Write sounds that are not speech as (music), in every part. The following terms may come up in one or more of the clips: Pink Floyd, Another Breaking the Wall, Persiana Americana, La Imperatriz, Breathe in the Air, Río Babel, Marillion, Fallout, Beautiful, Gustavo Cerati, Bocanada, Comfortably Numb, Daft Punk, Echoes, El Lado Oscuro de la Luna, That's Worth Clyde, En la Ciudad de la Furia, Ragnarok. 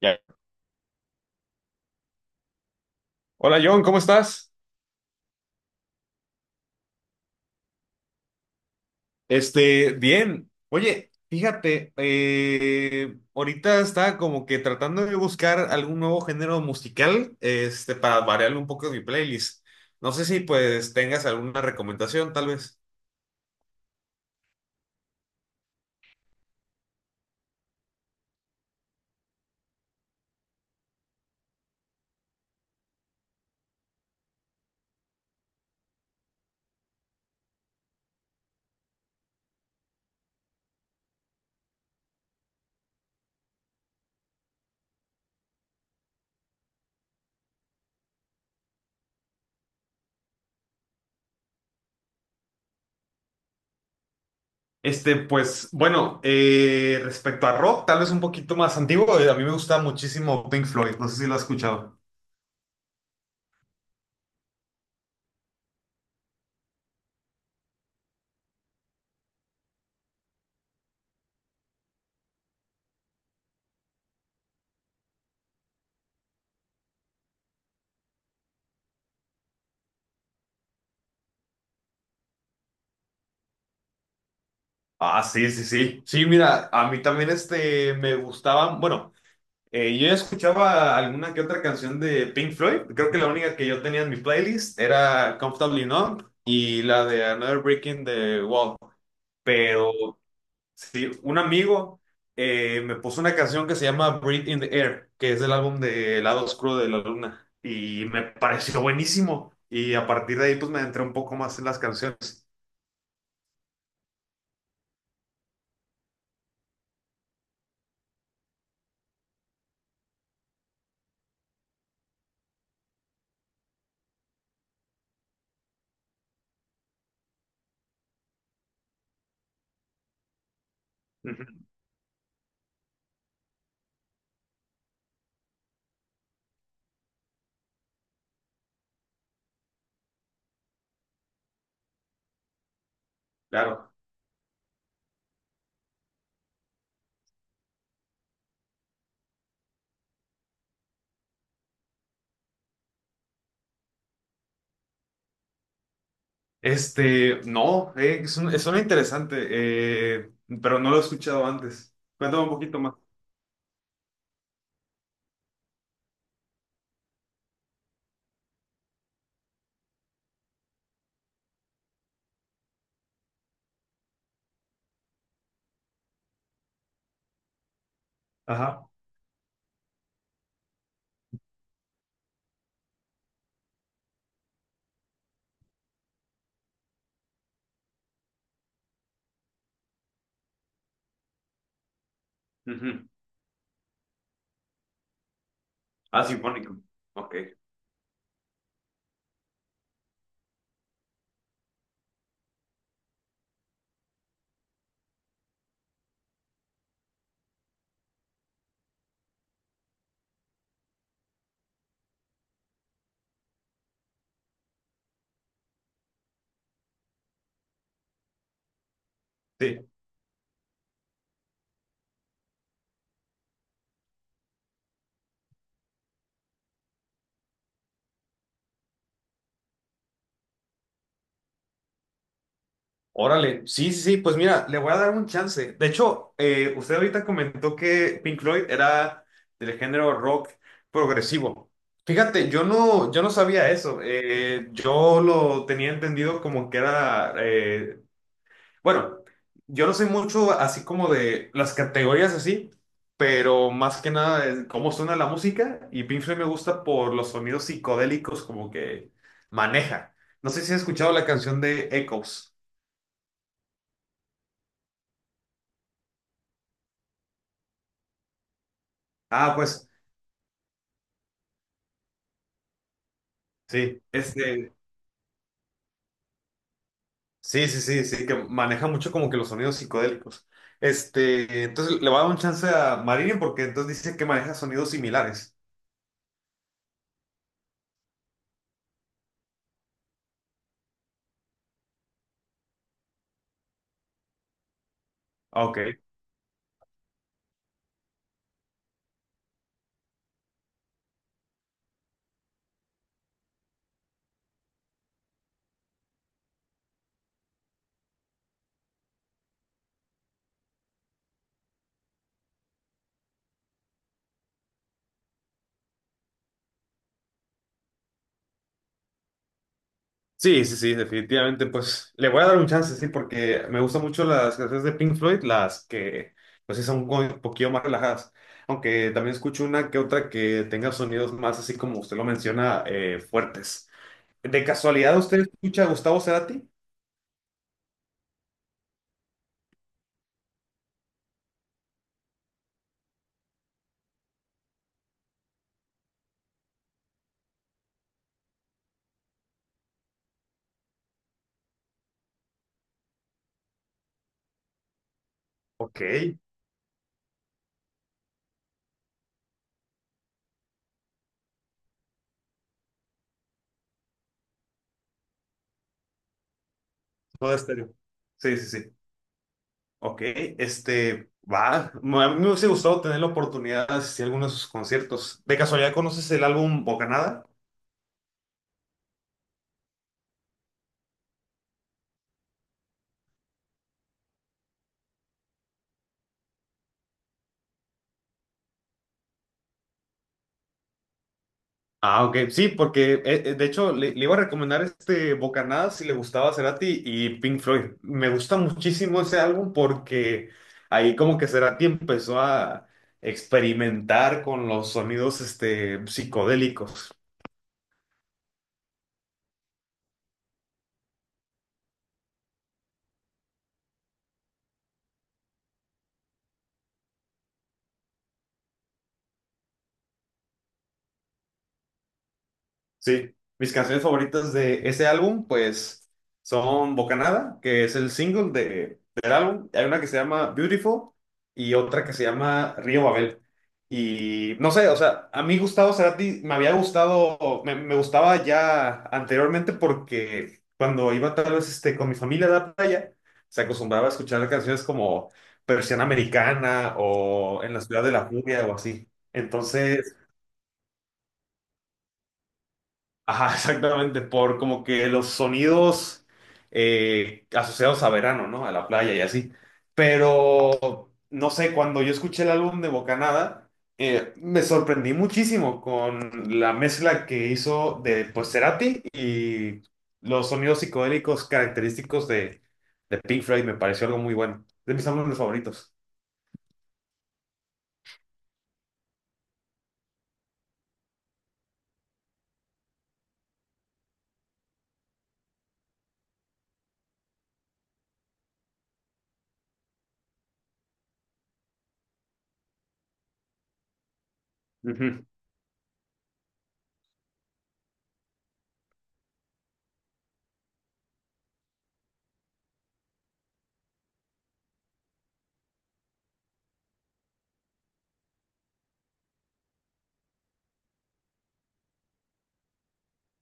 Ya. Hola John, ¿cómo estás? Bien. Oye, fíjate, ahorita estaba como que tratando de buscar algún nuevo género musical, para variar un poco mi playlist. No sé si pues tengas alguna recomendación, tal vez. Pues bueno, respecto a rock, tal vez un poquito más antiguo, a mí me gusta muchísimo Pink Floyd, no sé si lo has escuchado. Ah, sí, sí, sí. Sí, mira, a mí también me gustaban, bueno. Yo ya escuchaba alguna que otra canción de Pink Floyd. Creo que la única que yo tenía en mi playlist era Comfortably Numb y la de Another Breaking the Wall. Pero sí, un amigo me puso una canción que se llama Breathe in the Air, que es del álbum de El Lado Oscuro de la Luna. Y me pareció buenísimo. Y a partir de ahí, pues me adentré un poco más en las canciones. Ujú. Claro. No, es un- suena interesante, pero no lo he escuchado antes. Cuéntame un poquito más. Ajá. Ujú. Ah, sinfónico. Ok. Sí. Órale. Sí, sí, sí. Pues mira, le voy a dar un chance. De hecho, usted ahorita comentó que Pink Floyd era del género rock progresivo. Fíjate, yo no sabía eso. Yo lo tenía entendido como que era bueno, yo no sé mucho así como de las categorías así, pero más que nada es cómo suena la música y Pink Floyd me gusta por los sonidos psicodélicos como que maneja. No sé si has escuchado la canción de Echoes. Ah, pues sí, sí, sí, sí, sí, que maneja mucho como que los sonidos psicodélicos. Entonces le va a dar un chance a Marillion porque entonces dice que maneja sonidos similares. Ah, Ok. Sí, sí, sí, definitivamente, pues le voy a dar un chance, sí, porque me gustan mucho las canciones de Pink Floyd, las que, pues sí, son como un poquillo más relajadas, aunque también escucho una que otra que tenga sonidos más, así como usted lo menciona, fuertes. ¿De casualidad usted escucha a Gustavo Cerati? Ok, todo estéreo. Sí, sí, sí. Ok, va, a mí me hubiese gustado tener la oportunidad de asistir a algunos de sus conciertos. ¿De casualidad conoces el álbum Bocanada? Ah, ok, sí, porque de hecho le iba a recomendar este Bocanadas si le gustaba Cerati y Pink Floyd. Me gusta muchísimo ese álbum porque ahí como que Cerati empezó a experimentar con los sonidos psicodélicos. Sí, mis canciones favoritas de ese álbum, pues, son Bocanada, que es el single del álbum. Hay una que se llama Beautiful y otra que se llama Río Babel. Y no sé, o sea, a mí Gustavo Cerati me había gustado, me gustaba ya anteriormente porque cuando iba tal vez con mi familia a la playa, se acostumbraba a escuchar canciones como Persiana Americana o En la Ciudad de la Furia o así. Entonces... Ajá, (laughs) exactamente, por como que los sonidos asociados a verano, ¿no? A la playa y así. Pero, no sé, cuando yo escuché el álbum de Bocanada, me sorprendí muchísimo con la mezcla que hizo de, pues, Cerati y los sonidos psicodélicos característicos de Pink Floyd. Me pareció algo muy bueno. De mis álbumes favoritos. Ujú.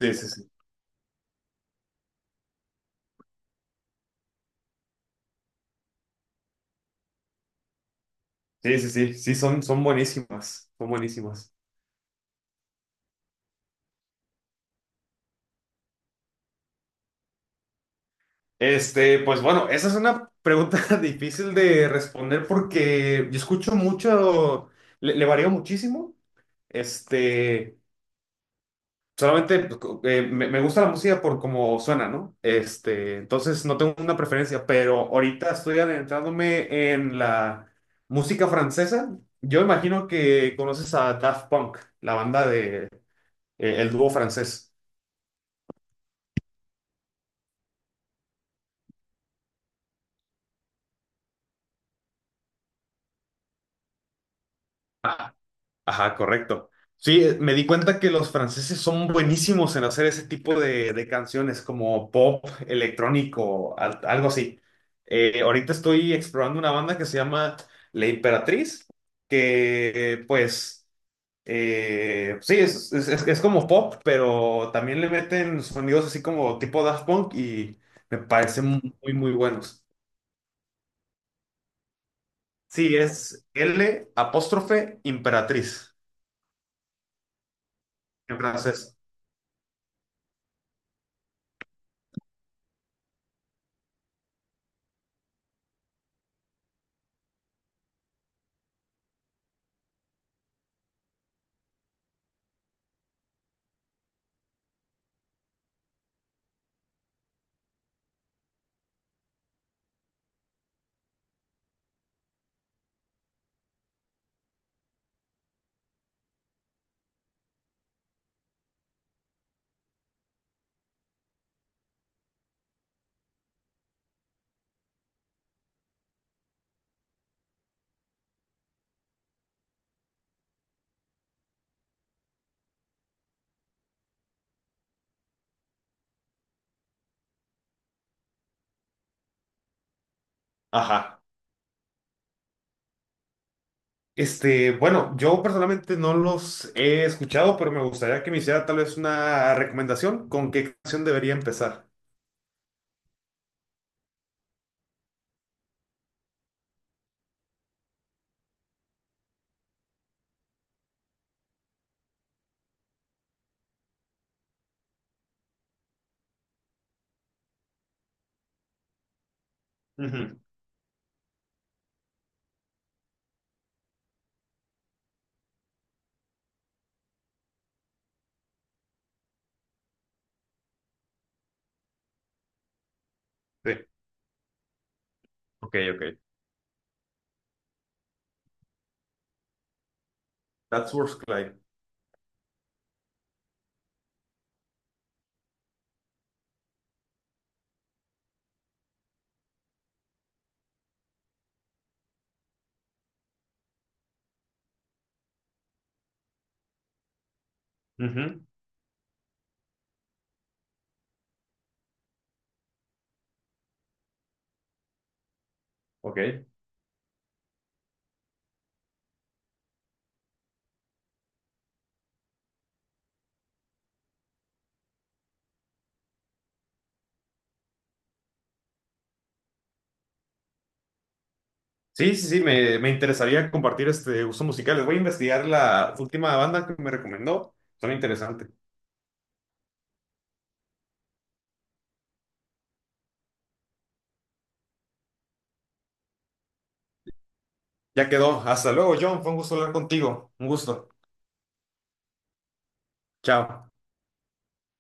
Sí, sí, sí. Sí, sí, sí. Sí, son, son buenísimas. Son buenísimas. Pues bueno, esa es una pregunta (laughs) difícil de responder porque yo escucho mucho, le varío muchísimo. Este, solamente pues, me gusta la música por cómo suena, ¿no? Entonces no tengo una preferencia, pero ahorita estoy adentrándome en la música francesa. Yo imagino que conoces a Daft Punk, la banda de, el dúo francés. Ajá, correcto. Sí, me di cuenta que los franceses son buenísimos en hacer ese tipo de canciones como pop, electrónico, algo así. Ahorita estoy explorando una banda que se llama La Imperatriz, que pues sí, es como pop, pero también le meten sonidos así como tipo Daft Punk y me parecen muy, muy buenos. Sí, es L apóstrofe Imperatriz en francés. Ajá. Bueno, yo personalmente no los he escuchado, pero me gustaría que me hiciera tal vez una recomendación con qué canción debería empezar. Ujú. Sí. Ok, ok. That's Worth Clyde. Ujú. Ok. Sí, sí, sí, me interesaría compartir este gusto musical. Les voy a investigar la última banda que me recomendó. Son interesantes. Ya quedó. Hasta luego, John. Fue un gusto hablar contigo. Un gusto. Chao.